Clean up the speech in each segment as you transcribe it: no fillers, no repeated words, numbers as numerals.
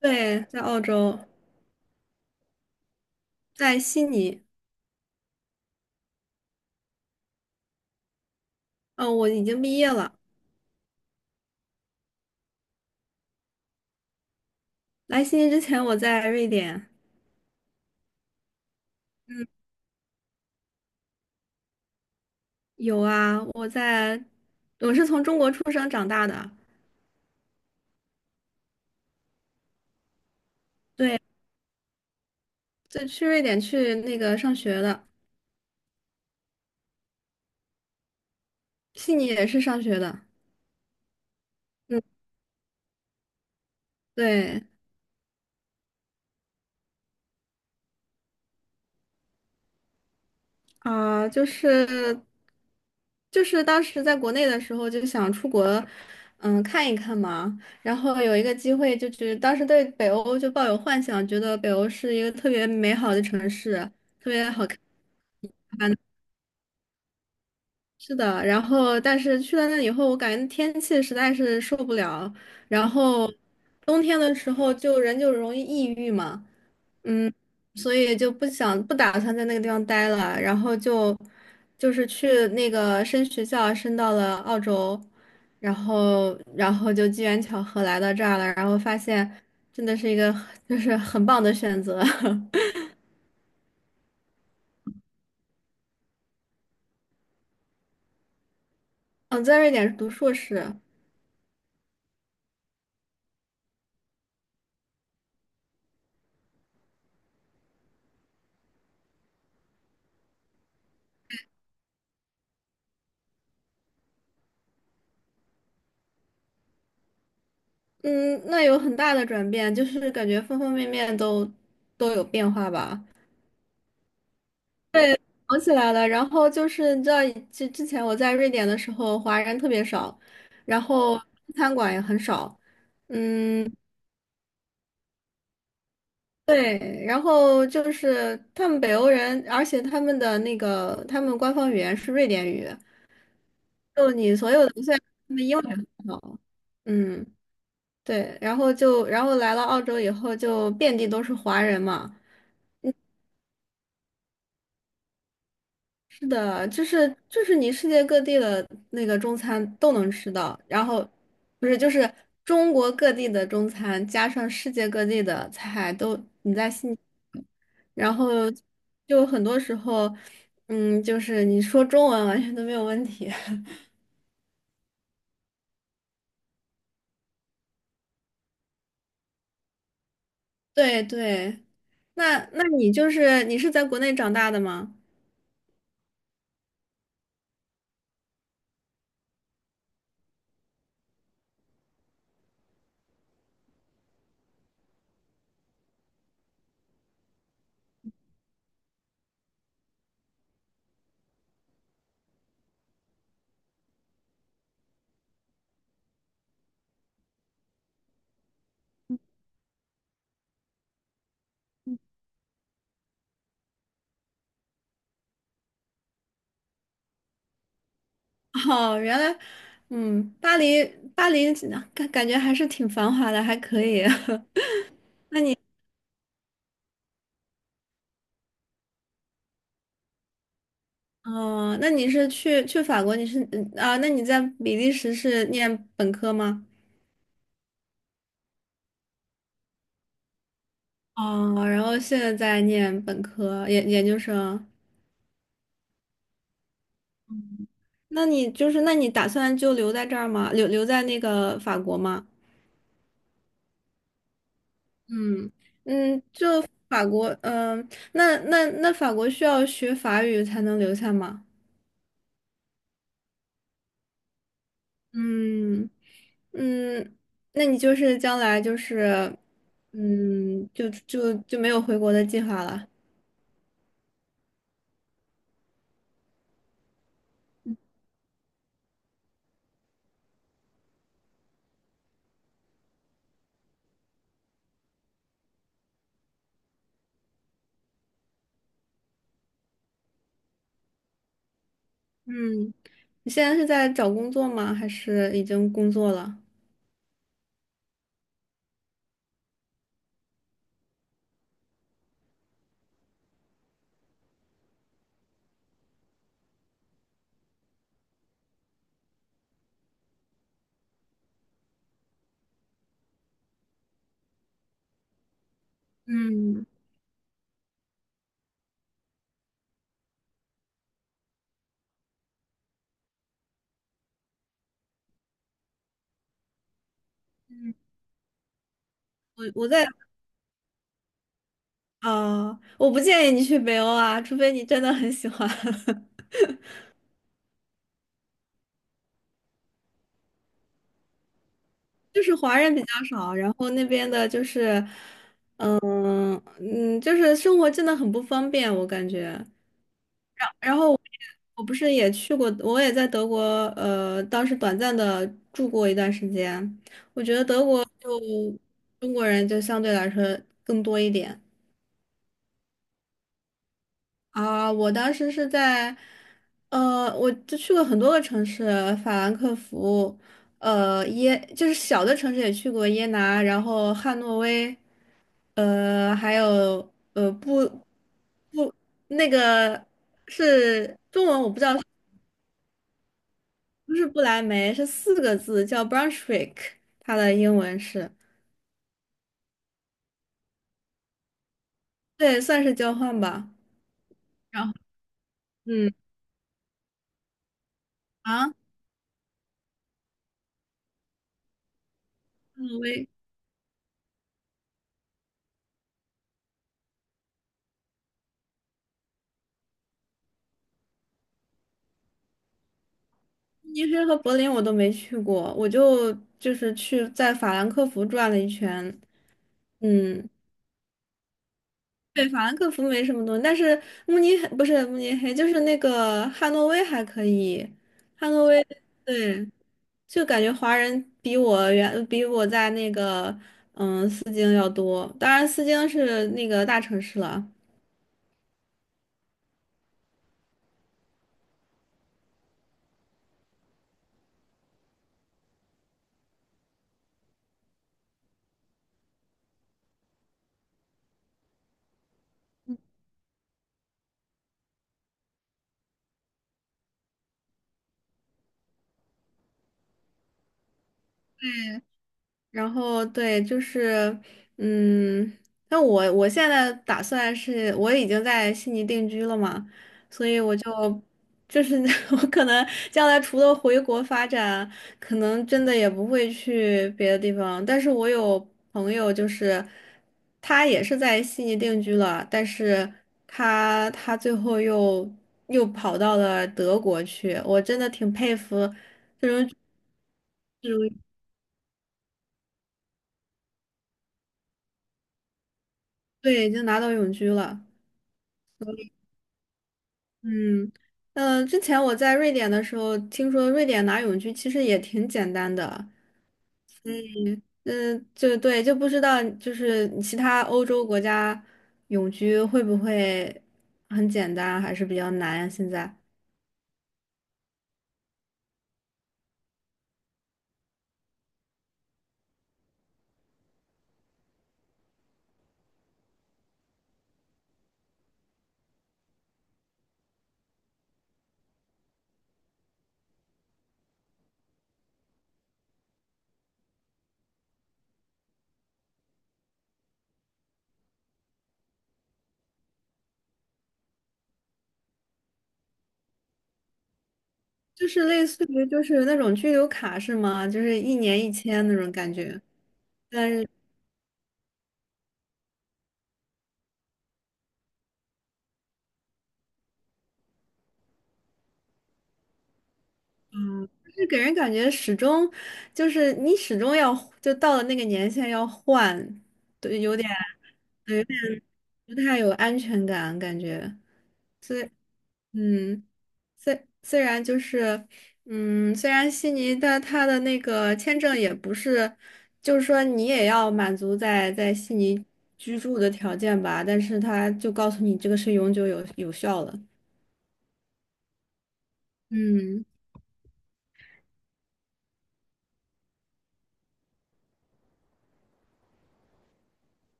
对，在澳洲，在悉尼。哦，我已经毕业了。来悉尼之前，我在瑞典。嗯，有啊，我是从中国出生长大的。对，就去瑞典去那个上学的，悉尼也是上学的。嗯，对。啊，就是当时在国内的时候就想出国，嗯，看一看嘛。然后有一个机会，就是当时对北欧就抱有幻想，觉得北欧是一个特别美好的城市，特别好看。是的，然后但是去了那以后，我感觉天气实在是受不了，然后冬天的时候就人就容易抑郁嘛。嗯，所以就不打算在那个地方待了，然后去那个升学校，升到了澳洲，然后就机缘巧合来到这儿了，然后发现真的是一个很 就是很棒的选择。嗯，在瑞典读硕士。嗯，那有很大的转变，就是感觉方方面面都有变化吧。想起来了，然后就是你知道，之前我在瑞典的时候，华人特别少，然后餐馆也很少。嗯，对，然后就是他们北欧人，而且他们的那个他们官方语言是瑞典语，就你所有的虽然他们英语很好。嗯，对，然后就然后来了澳洲以后，就遍地都是华人嘛。是的，就是你世界各地的那个中餐都能吃到，然后不是就是中国各地的中餐加上世界各地的菜都，嗯然后就很多时候，嗯，就是你说中文完全都没有问题。对对，那你你是在国内长大的吗？哦，原来，嗯，巴黎感觉还是挺繁华的，还可以。哦，那你是去法国？你是？那你在比利时是念本科吗？哦，然后现在在念本科研究生。那你，那你打算就留在这儿吗？留在那个法国吗？嗯嗯，法国，那法国需要学法语才能留下吗？嗯嗯，那你就是将来，嗯，就没有回国的计划了。嗯，你现在是在找工作吗？还是已经工作了？嗯，我我在我不建议你去北欧啊，除非你真的很喜欢。就是华人比较少，然后那边的就是，就是生活真的很不方便，我感觉。我不是也去过，我也在德国，当时短暂的住过一段时间，就中国人就相对来说更多一点。啊，我当时是在，呃，我就去过很多个城市，法兰克福，就是小的城市也去过耶拿，然后汉诺威，还有布那个是中文我不知道，不是不来梅，是四个字叫 Brunswick，它的英文是，对，算是交换吧。然后，嗯，啊，汉诺威。慕尼黑和柏林我都没去过，就是去在法兰克福转了一圈。嗯，对，法兰克福没什么东西，但是慕尼黑不是慕尼黑，就是那个汉诺威还可以。汉诺威，对，就感觉华人比我在那个嗯斯京要多，当然斯京是那个大城市了。然后对，就是，嗯，那我现在打算是，我已经在悉尼定居了嘛，所以我就是 我可能将来除了回国发展，可能真的也不会去别的地方。但是我有朋友，就是他也是在悉尼定居了，但是他最后又跑到了德国去，我真的挺佩服这种。对，已经拿到永居了。嗯，之前我在瑞典的时候，听说瑞典拿永居其实也挺简单的，嗯、就对，就不知道就是其他欧洲国家永居会不会很简单，还是比较难呀？现在就是类似于就是那种居留卡是吗？就是一年一签那种感觉，但是就是给人感觉始终就是你始终要就到了那个年限要换，对，有点不太有安全感感觉。所以。嗯，虽然就是，嗯，虽然悉尼的他的那个签证也不是，就是说你也要满足在悉尼居住的条件吧，但是他就告诉你这个是永久有效的。嗯，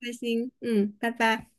开心，嗯，拜拜。